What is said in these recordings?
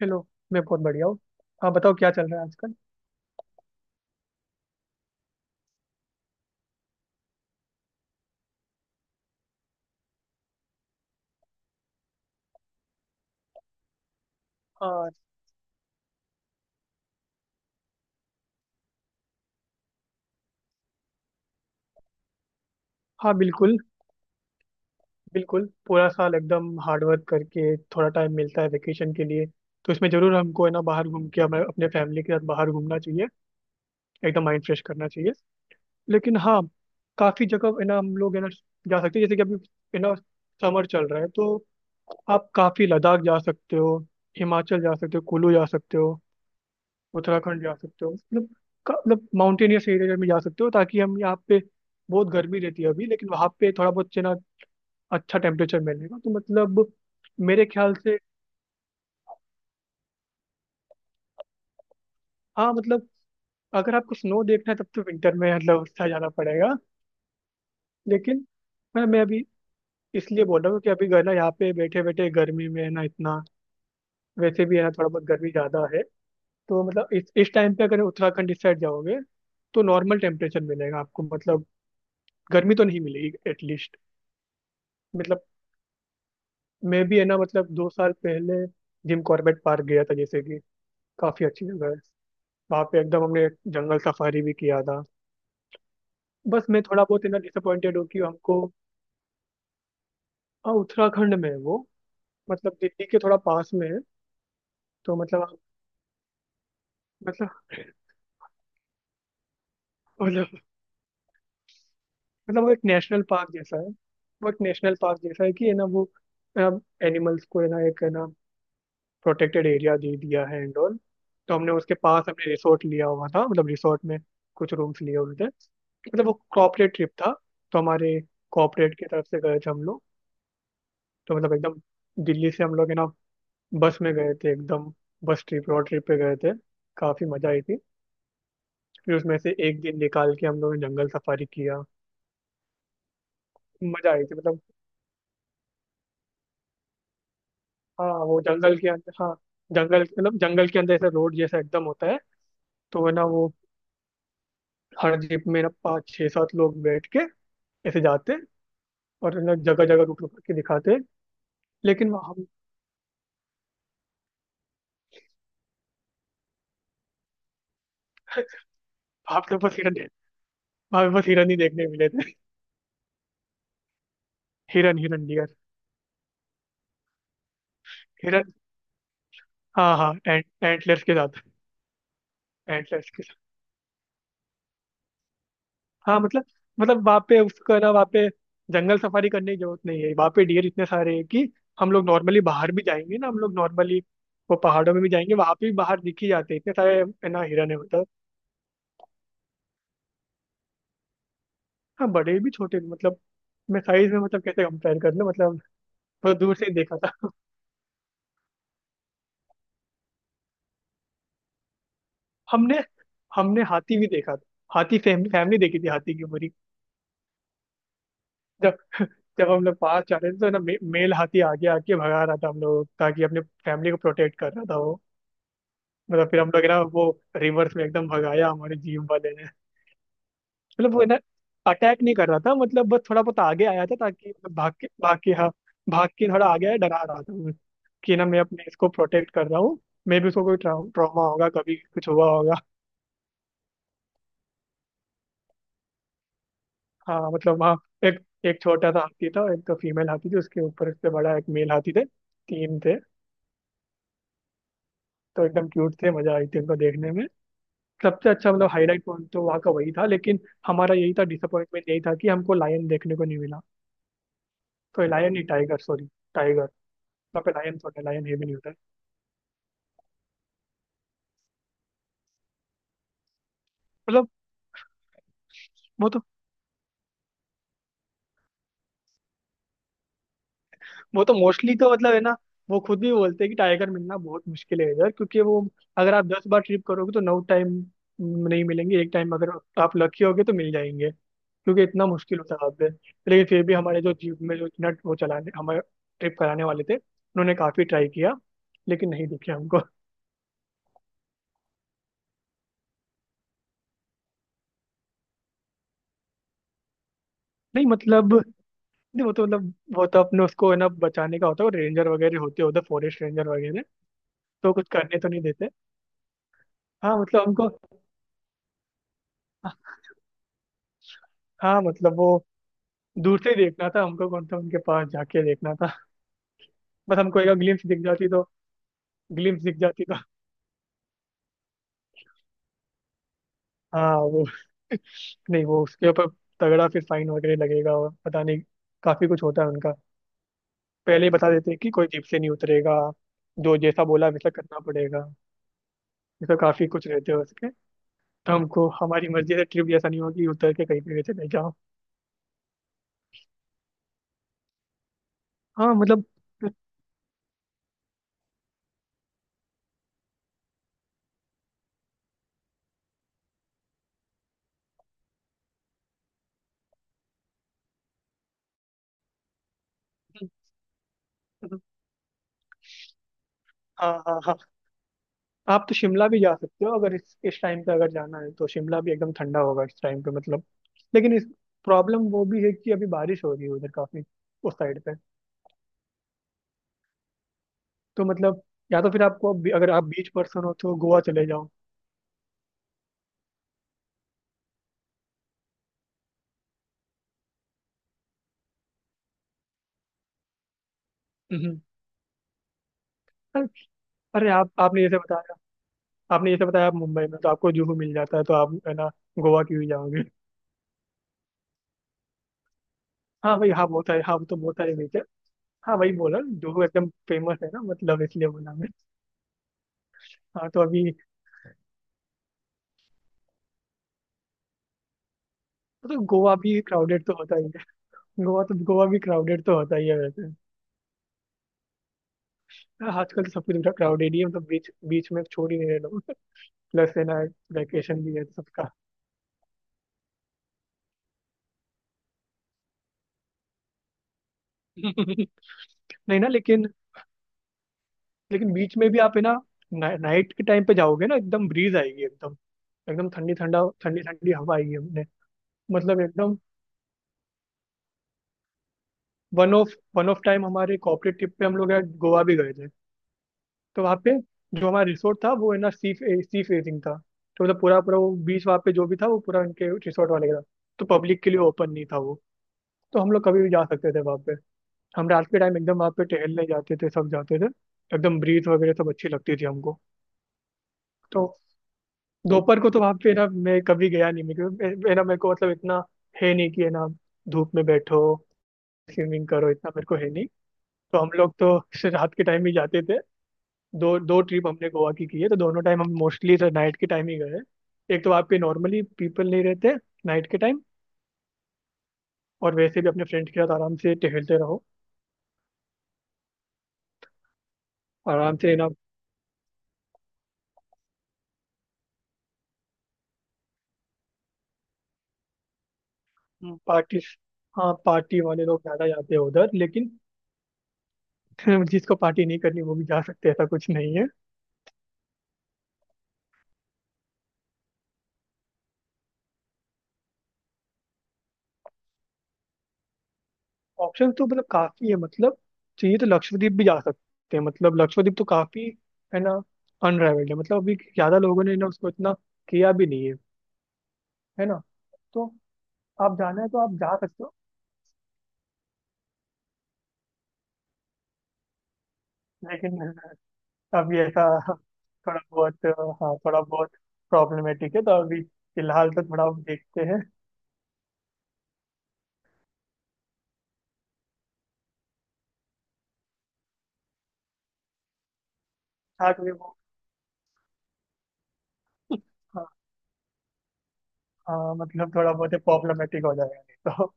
चलो, मैं बहुत बढ़िया हूँ। हाँ, बताओ क्या चल रहा है आजकल। हाँ, हाँ बिल्कुल। बिल्कुल पूरा साल एकदम हार्ड वर्क करके थोड़ा टाइम मिलता है वेकेशन के लिए। तो इसमें जरूर हमको है ना बाहर घूम के हमें अपने फैमिली के साथ बाहर घूमना चाहिए। एकदम माइंड फ्रेश करना चाहिए। लेकिन हाँ, काफ़ी जगह है ना, हम लोग है ना जा सकते हैं, जैसे कि अभी है ना समर चल रहा है। तो आप काफ़ी लद्दाख जा सकते हो, हिमाचल जा सकते हो, कुल्लू जा सकते हो, उत्तराखंड जा सकते हो। मतलब मतलब माउंटेनियस एरिया में जा सकते हो, ताकि हम यहाँ पे बहुत गर्मी रहती है अभी, लेकिन वहाँ पे थोड़ा बहुत ना अच्छा टेम्परेचर मिलेगा। तो मतलब मेरे ख्याल से हाँ मतलब, अगर आपको स्नो देखना है तब तो विंटर में मतलब उससे जाना पड़ेगा। लेकिन मैं अभी इसलिए बोल रहा हूँ कि अभी ना यहाँ पे बैठे बैठे गर्मी में है ना इतना, वैसे भी है ना थोड़ा बहुत गर्मी ज़्यादा है। तो मतलब इस टाइम पे अगर उत्तराखंड इस साइड जाओगे तो नॉर्मल टेम्परेचर मिलेगा आपको। मतलब गर्मी तो नहीं मिलेगी एटलीस्ट। मतलब मैं भी है ना, मतलब 2 साल पहले जिम कॉर्बेट पार्क गया था, जैसे कि काफी अच्छी जगह है। वहाँ पे एकदम हमने जंगल सफारी भी किया था। बस मैं थोड़ा बहुत है ना डिसअपॉइंटेड हूँ कि हमको। हाँ, उत्तराखंड में है वो। मतलब दिल्ली के थोड़ा पास में है। तो मतलब मतलब मतलब वो एक नेशनल पार्क जैसा है। वो एक नेशनल पार्क जैसा है कि है ना, वो एनिमल्स को है ना एक है ना प्रोटेक्टेड एरिया दे दिया है एंड ऑल। तो हमने उसके पास हमने रिसोर्ट लिया हुआ था, मतलब रिसोर्ट में कुछ रूम्स लिए हुए थे। मतलब वो कॉर्पोरेट ट्रिप था, तो हमारे कॉर्पोरेट की तरफ से गए थे हम लोग। तो मतलब एकदम दिल्ली से हम लोग है ना बस में गए थे एकदम। बस ट्रिप, रोड ट्रिप पे गए थे। काफी मजा आई थी। फिर उसमें से एक दिन निकाल के हम लोगों ने जंगल सफारी किया। मजा आई थी मतलब। हाँ, वो जंगल के अंदर, हाँ। जंगल मतलब जंगल के अंदर ऐसा रोड जैसा एकदम होता है। तो है ना वो हर जीप में ना पाँच छह सात लोग बैठ के ऐसे जाते। और ना जगह जगह रुक रुक के दिखाते। लेकिन वहाँ हम वहाँ पे बस हिरन वहाँ पे बस हिरन ही देखने मिले थे। हिरन, हिरन, डियर, हिरन। हाँ हाँ, एंटलर्स के साथ। एंटलर्स के साथ, हाँ मतलब। मतलब वहाँ पे उसका ना वहाँ पे जंगल सफारी करने की जरूरत नहीं है, वहाँ पे डियर इतने सारे हैं कि हम लोग नॉर्मली बाहर भी जाएंगे ना, हम लोग नॉर्मली वो पहाड़ों में भी जाएंगे वहाँ पे भी बाहर दिख ही जाते हैं इतने सारे। है ना हिरन है मतलब। हाँ, बड़े भी छोटे भी मतलब। मैं साइज में मतलब कैसे कंपेयर कर लूँ मतलब। थोड़ा दूर से ही देखा था। हमने हमने हाथी भी देखा था। हाथी फैमिली फैमिली देखी थी, हाथी की पूरी। जब जब हम लोग पास जा रहे थे तो ना मेल हाथी आगे आके भगा रहा था हम लोग, ताकि अपने फैमिली को प्रोटेक्ट कर रहा था वो। मतलब फिर हम लोग ना वो रिवर्स में एकदम भगाया हमारे जीप वाले ने। मतलब वो ना अटैक नहीं कर रहा था, मतलब बस थोड़ा बहुत आगे आया था ताकि मतलब भाग के भाग के, हाँ। भाग के थोड़ा आगे आया, डरा रहा था वो कि ना मैं अपने इसको प्रोटेक्ट कर रहा हूँ। मे भी उसको कोई ट्रॉमा होगा, कभी कुछ हुआ होगा। हाँ मतलब, हाँ। एक एक छोटा सा हाथी था, एक तो फीमेल हाथी थी, उसके ऊपर उससे बड़ा एक मेल हाथी, थे तीन थे। तो एकदम क्यूट थे, मजा आई थी उनको देखने में। सबसे अच्छा मतलब हाईलाइट पॉइंट तो वहाँ का वही था। लेकिन हमारा यही था डिसअपॉइंटमेंट, यही था कि हमको लायन देखने को नहीं मिला। तो लायन नहीं, टाइगर, सॉरी, टाइगर। वहाँ पे लायन होता है, लायन है भी नहीं होता है। मतलब वो तो वो तो मोस्टली तो मतलब है ना वो खुद भी बोलते हैं कि टाइगर मिलना बहुत मुश्किल है इधर, क्योंकि वो अगर आप 10 बार ट्रिप करोगे तो 9 टाइम नहीं मिलेंगे, एक टाइम अगर आप लकी होगे तो मिल जाएंगे। क्योंकि इतना मुश्किल होता है आपसे। लेकिन फिर भी हमारे जो जीप में जो इतना वो चलाने, हमारे ट्रिप कराने वाले थे, उन्होंने काफी ट्राई किया, लेकिन नहीं दिखे हमको। नहीं मतलब नहीं, वो तो मतलब वो तो अपने उसको है ना बचाने का होता है, वो रेंजर वगैरह होते हैं उधर, फॉरेस्ट रेंजर वगैरह। तो कुछ करने तो नहीं देते। हाँ मतलब हमको, हाँ मतलब वो दूर से ही देखना था हमको, कौन सा उनके पास जाके देखना था। बस हमको एक ग्लिम्स दिख जाती तो, ग्लिम्स दिख जाती तो, हाँ वो। नहीं, वो उसके ऊपर तगड़ा फिर फाइन वगैरह लगेगा और पता नहीं, काफी कुछ होता है उनका। पहले ही बता देते कि कोई जीप से नहीं उतरेगा, जो जैसा बोला वैसा करना पड़ेगा। ये तो काफी कुछ रहते हैं उसके। तो हमको हमारी मर्जी से ट्रिप जैसा नहीं होगी उतर के कहीं पे भी चले जाओ। हाँ मतलब। हाँ हाँ हाँ। आप तो शिमला भी जा सकते हो, अगर इस टाइम पे अगर जाना है तो शिमला भी एकदम ठंडा होगा इस टाइम पे मतलब। लेकिन इस प्रॉब्लम वो भी है कि अभी बारिश हो रही है उधर काफी, उस साइड पे। तो मतलब या तो फिर अगर आप बीच पर्सन हो तो गोवा चले जाओ। हम्म। अरे अरे, आप आपने जैसे बताया, आप मुंबई में तो आपको जुहू मिल जाता है तो आप है ना गोवा क्यों ही जाओगे। हाँ भाई, हाँ बहुत सारे, हाँ वो तो बहुत सारे बीच है। हाँ वही बोला, जुहू एकदम फेमस है ना मतलब, इसलिए बोला मैं। हाँ, तो अभी तो गोवा भी क्राउडेड तो होता ही है। गोवा भी क्राउडेड तो होता ही है वैसे। हाँ, आजकल तो सब कुछ क्राउडेड ही है, मतलब बीच बीच में छोड़ ही नहीं रहे लोग। प्लस है ना वैकेशन भी है तो सबका नहीं ना लेकिन, बीच में भी आप है ना ना, नाइट के टाइम पे जाओगे ना एकदम ब्रीज आएगी एकदम, एकदम ठंडी ठंडा ठंडी ठंडी हवा आएगी अपने। मतलब एकदम वन ऑफ टाइम हमारे कॉर्पोरेट ट्रिप पे हम लोग यार गोवा भी गए थे। तो वहाँ पे जो हमारा रिसोर्ट था वो है ना सी सी फेसिंग था। तो मतलब पूरा पूरा वो बीच वहाँ पे जो भी था वो पूरा उनके रिसोर्ट वाले का था। तो पब्लिक के लिए ओपन नहीं था वो। तो हम लोग कभी भी जा सकते थे वहाँ पे। हम रात के टाइम एकदम वहाँ पे टहलने जाते थे, सब जाते थे। एकदम ब्रीथ वगैरह सब अच्छी लगती थी हमको। तो दोपहर को तो वहाँ पे ना मैं कभी गया नहीं मैं, है ना मेरे को मतलब इतना है नहीं कि है ना धूप में बैठो, स्विमिंग करो, इतना मेरे को है नहीं। तो हम लोग तो रात के टाइम ही जाते थे। दो दो ट्रिप हमने गोवा की है, तो दोनों टाइम हम मोस्टली तो नाइट के टाइम ही गए हैं। एक तो आपके नॉर्मली पीपल नहीं रहते नाइट के टाइम, और वैसे भी अपने फ्रेंड्स के साथ आराम से टहलते रहो, आराम से, अच्छा। ना पार्टी, हाँ पार्टी वाले लोग ज़्यादा जाते हैं उधर लेकिन जिसको पार्टी नहीं करनी वो भी जा सकते हैं, ऐसा कुछ नहीं है। ऑप्शन तो मतलब काफ़ी है मतलब, चाहिए तो लक्षद्वीप भी जा सकते हैं, मतलब लक्षद्वीप तो काफ़ी है ना अनराइवल्ड है, मतलब अभी ज़्यादा लोगों ने ना उसको इतना किया भी नहीं है। है ना, तो आप जाना है तो आप जा सकते हो। लेकिन अब ये था थोड़ा बहुत। हाँ, थोड़ा बहुत प्रॉब्लमेटिक है, तो अभी फिलहाल तो थोड़ा देखते हैं। हाँ, क्योंकि वो हाँ, हाँ, मतलब थोड़ा बहुत प्रॉब्लमेटिक हो जाएगा नहीं तो।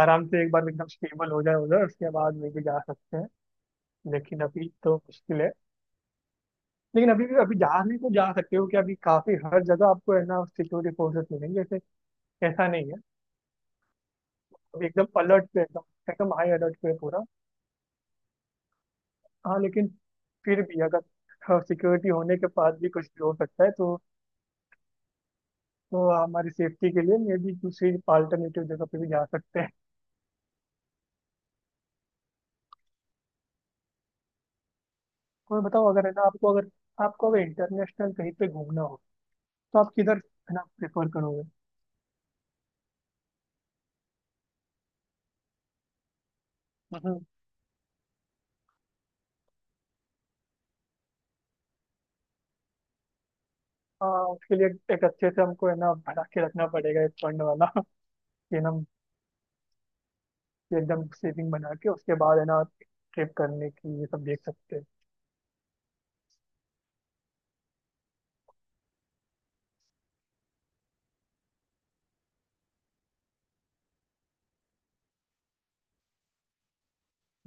आराम से एक बार एकदम स्टेबल हो जाए उधर, उसके बाद में भी जा सकते हैं। लेकिन अभी तो मुश्किल है। लेकिन अभी भी अभी जाने को जा सकते हो कि अभी काफी हर जगह आपको है ना सिक्योरिटी फोर्सेस मिलेंगे, जैसे ऐसा नहीं है। अभी एकदम अलर्ट पे, एकदम एकदम हाई अलर्ट पे है पूरा। हाँ लेकिन फिर भी अगर सिक्योरिटी होने के बाद भी कुछ भी हो सकता है, तो हमारी सेफ्टी के लिए मे भी दूसरी अल्टरनेटिव जगह पे भी जा सकते हैं। और बताओ, अगर है ना आपको अगर, इंटरनेशनल कहीं पे घूमना हो तो आप किधर है ना प्रेफर करोगे। हम्म, हाँ उसके लिए एक अच्छे से हमको है ना बना के रखना पड़ेगा, एक फंड वाला कि हम एकदम सेविंग बना के उसके बाद है ना ट्रिप करने की ये सब देख सकते हैं।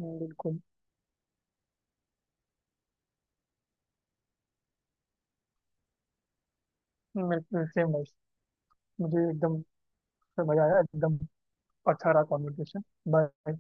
बिल्कुल सेम। मुझे एकदम समझ आया, एकदम अच्छा रहा कॉन्वर्सेशन। बाय।